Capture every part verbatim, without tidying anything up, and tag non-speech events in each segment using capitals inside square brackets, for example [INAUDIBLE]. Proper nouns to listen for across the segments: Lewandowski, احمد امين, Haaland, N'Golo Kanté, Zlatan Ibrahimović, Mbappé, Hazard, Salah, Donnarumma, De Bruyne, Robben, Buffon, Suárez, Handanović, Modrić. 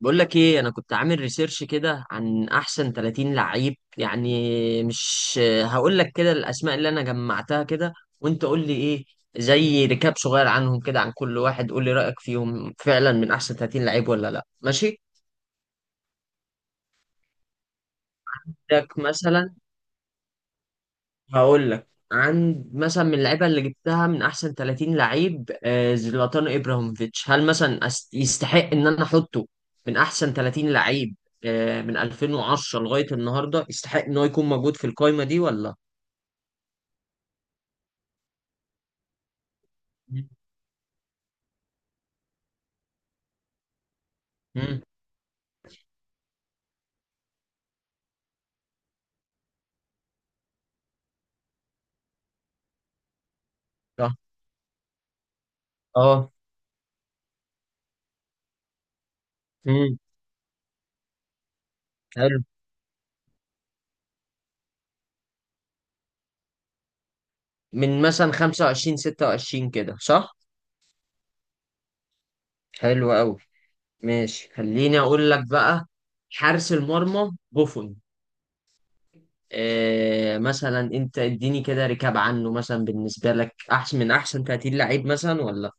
بقول لك ايه، انا كنت عامل ريسيرش كده عن احسن ثلاثين لعيب. يعني مش هقول لك كده الاسماء اللي انا جمعتها كده، وانت قول لي ايه، زي ركاب صغير عنهم كده عن كل واحد. قول لي رايك فيهم، فعلا من احسن ثلاثين لعيب ولا لا؟ ماشي، عندك مثلا. هقول لك عند مثلا من اللعيبه اللي جبتها من احسن ثلاثين لعيب، آه، زلاتان ابراهيموفيتش هل مثلا أس- يستحق ان انا احطه من احسن ثلاثين لعيب؟ آه، من الفين وعشرة لغايه النهارده يستحق ان هو يكون موجود في القايمه دي ولا؟ امم صح. اه. امم حلو. من مثلا خمسة وعشرين ستة وعشرين كده، صح. حلو قوي. ماشي، خليني اقول لك بقى. حارس المرمى بوفون، آه، مثلا انت اديني كده ركاب عنه مثلا، بالنسبه لك احسن من احسن ثلاثين لعيب مثلا ولا؟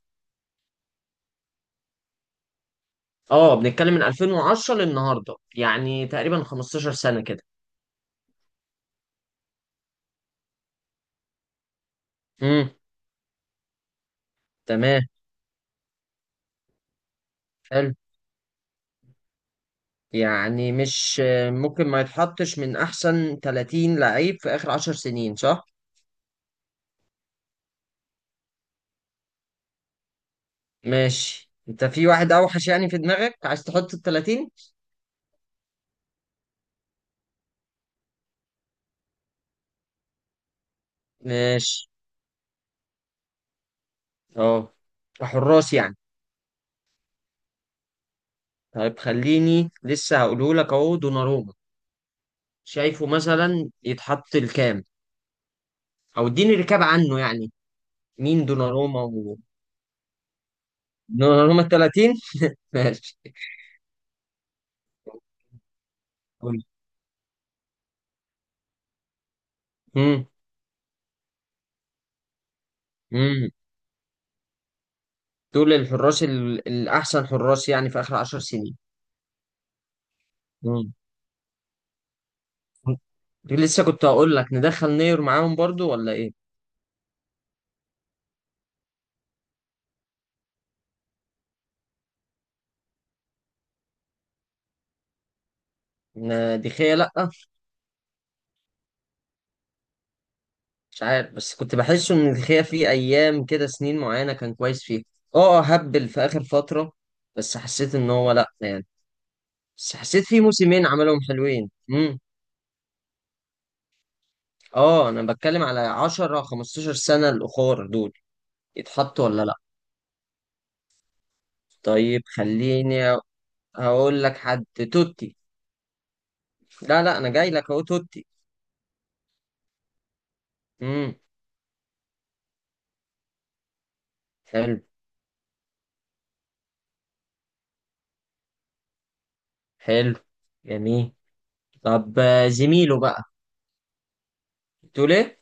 اه، بنتكلم من الفين وعشرة للنهارده، يعني تقريبا خمسة عشر سنه كده. امم تمام. حلو. يعني مش، آه، ممكن ما يتحطش من احسن ثلاثين لعيب في اخر عشر سنين، صح؟ ماشي. انت في واحد اوحش يعني في دماغك عايز تحط ال ثلاثين؟ ماشي. اه، حراس يعني. طيب خليني لسه هقوله لك، اهو دوناروما. شايفه مثلا يتحط الكام؟ او اديني ركاب عنه يعني. مين دوناروما و... دوناروما ال ثلاثين؟ [LAUGHS] ماشي. قول. امم امم دول الحراس ال... الاحسن حراس يعني في اخر عشر سنين. امم لسه كنت هقول لك ندخل نير معاهم برضو ولا ايه؟ ن- دخية لأ. مش عارف، بس كنت بحس ان دخية في ايام كده سنين معينة كان كويس فيها. اه، آه، هبل في اخر فترة. بس حسيت ان هو لأ يعني. بس حسيت في موسمين عملهم حلوين. اه، انا بتكلم على عشرة خمستاشر سنة الاخر دول، يتحطوا ولا لا؟ طيب خليني هقول لك حد، توتي. لا لا، انا جاي لك اهو توتي. امم حلو. حلو. جميل. طب، آه، زميله بقى تقول ايه؟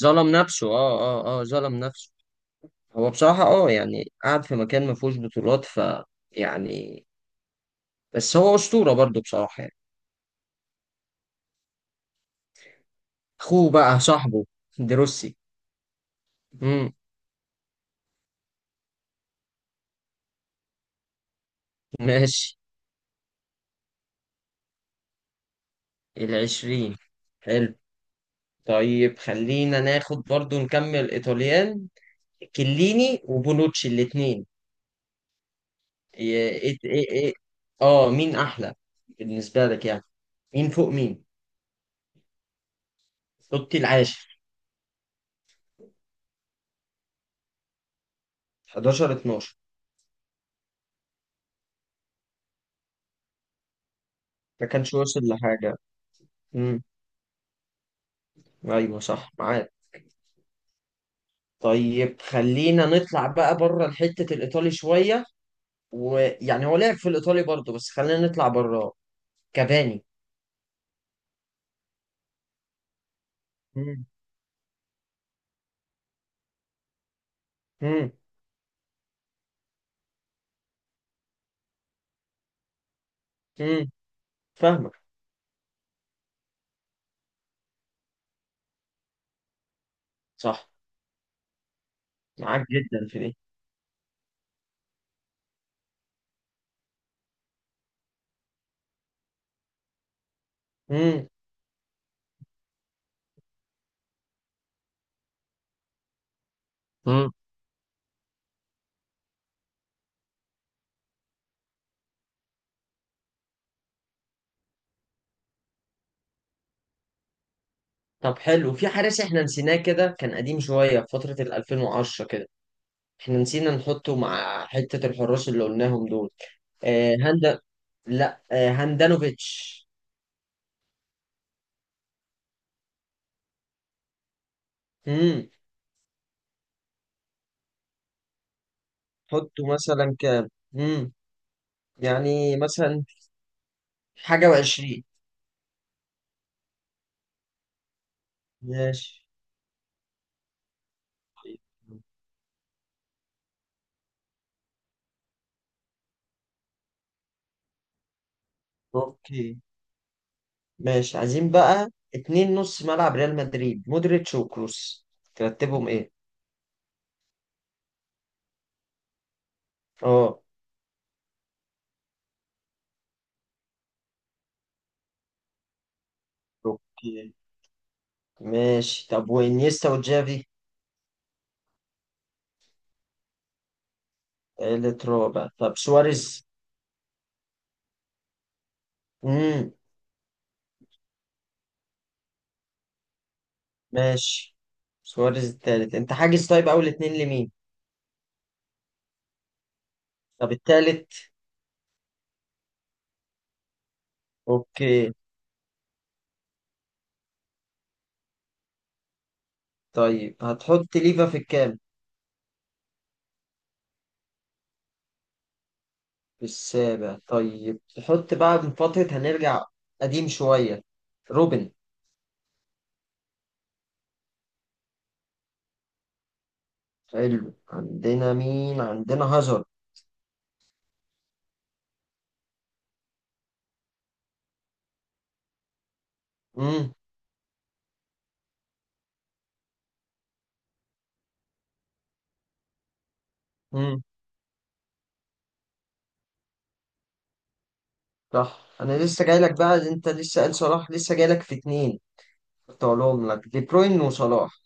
ظلم نفسه، اه اه اه، ظلم نفسه. هو بصراحة اه، يعني قاعد في مكان ما فيهوش بطولات، ف، يعني، بس هو اسطورة برضو بصراحة يعني. اخوه بقى صاحبه، دروسي. امم ماشي. العشرين. حلو. طيب خلينا ناخد برضو نكمل ايطاليان، كليني وبونوتشي الاثنين. ايه ايه ايه إيه. اه، مين احلى بالنسبه لك يعني؟ مين فوق مين؟ توتي العاشر، حداشر اثنا عشر. ما كانش وصل لحاجه. امم ايوه، صح، معاك. طيب خلينا نطلع بقى بره الحته الايطالي شويه، ويعني هو لعب في الايطالي برضو بس خلينا نطلع بره. كافاني. امم امم امم فاهمك. صح. معاك جدا في دي. امم طب، حلو، في حارس احنا نسيناه، كده كان قديم شوية في فترة ال الفين وعشرة كده. احنا نسينا نحطه مع حتة الحراس اللي قلناهم دول. آه هندا، لا، آه هاندانوفيتش. امم حطه مثلا كام؟ امم يعني مثلا حاجة وعشرين. ماشي. اوكي. ماشي. عايزين بقى اتنين نص ملعب ريال مدريد، مودريتش وكروس، ترتبهم ايه؟ اه. اوكي. ماشي، طب وانيستا وجافي؟ تالت رابع؟ طب سواريز؟ امم ماشي. سواريز التالت، انت حاجز. طيب اول اتنين لمين؟ طب التالت؟ اوكي. طيب هتحط ليفا في الكام؟ في السابع. طيب تحط بقى من فترة، هنرجع قديم شوية، روبن. حلو. عندنا مين؟ عندنا هازارد. امم امم صح. انا لسه جاي لك بقى، انت لسه قال صلاح، لسه جاي لك في اتنين كنت هقولهم لك، دي بروين وصلاح.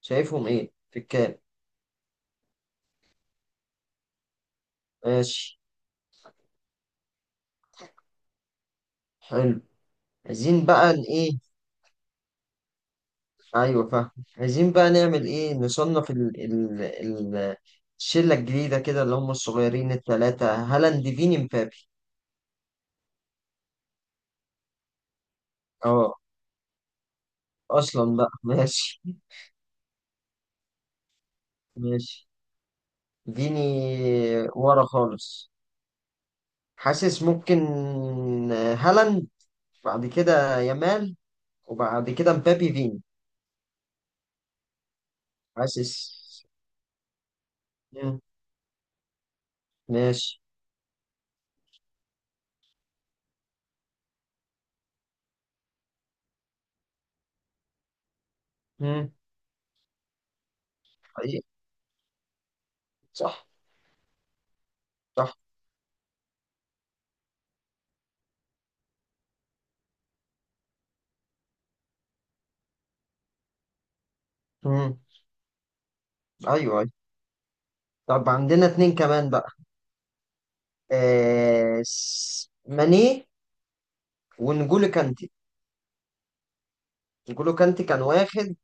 شايفهم ايه في الكام؟ ماشي. حلو. عايزين بقى ن- ايه، ايوه فاهم. عايزين بقى نعمل ايه، نصنف ال ال ال الشله الجديده كده اللي هم الصغيرين الثلاثه، هالاند فيني مبابي. اه. اصلا بقى [LAUGHS] ماشي. ماشي. فيني ورا خالص؟ حاسس ممكن هالاند، بعد كده يامال، وبعد كده مبابي فيني. حاسس. مم. ماشي. مم. حقيقي. صح. صح. مم. ايوه أيوة. طب عندنا اتنين كمان بقى، آه، س- ماني ونجولو كانتي. نجولو كانتي كان واخد،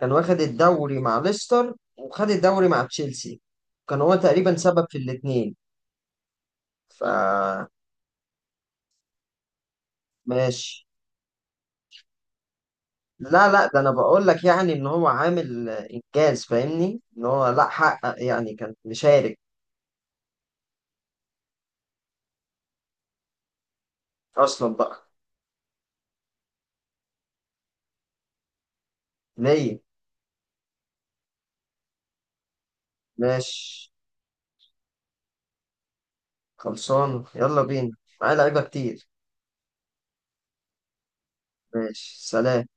كان واخد الدوري مع ليستر وخد الدوري مع تشيلسي، كان هو تقريبا سبب في الاتنين. ف، ماشي. لا لا، ده انا بقول لك يعني ان هو عامل انجاز، فاهمني ان هو لا حقق يعني، كان مشارك. اصلا بقى. ليه؟ ماشي، خلصان يلا بينا، معايا لعيبه كتير. ماشي، سلام.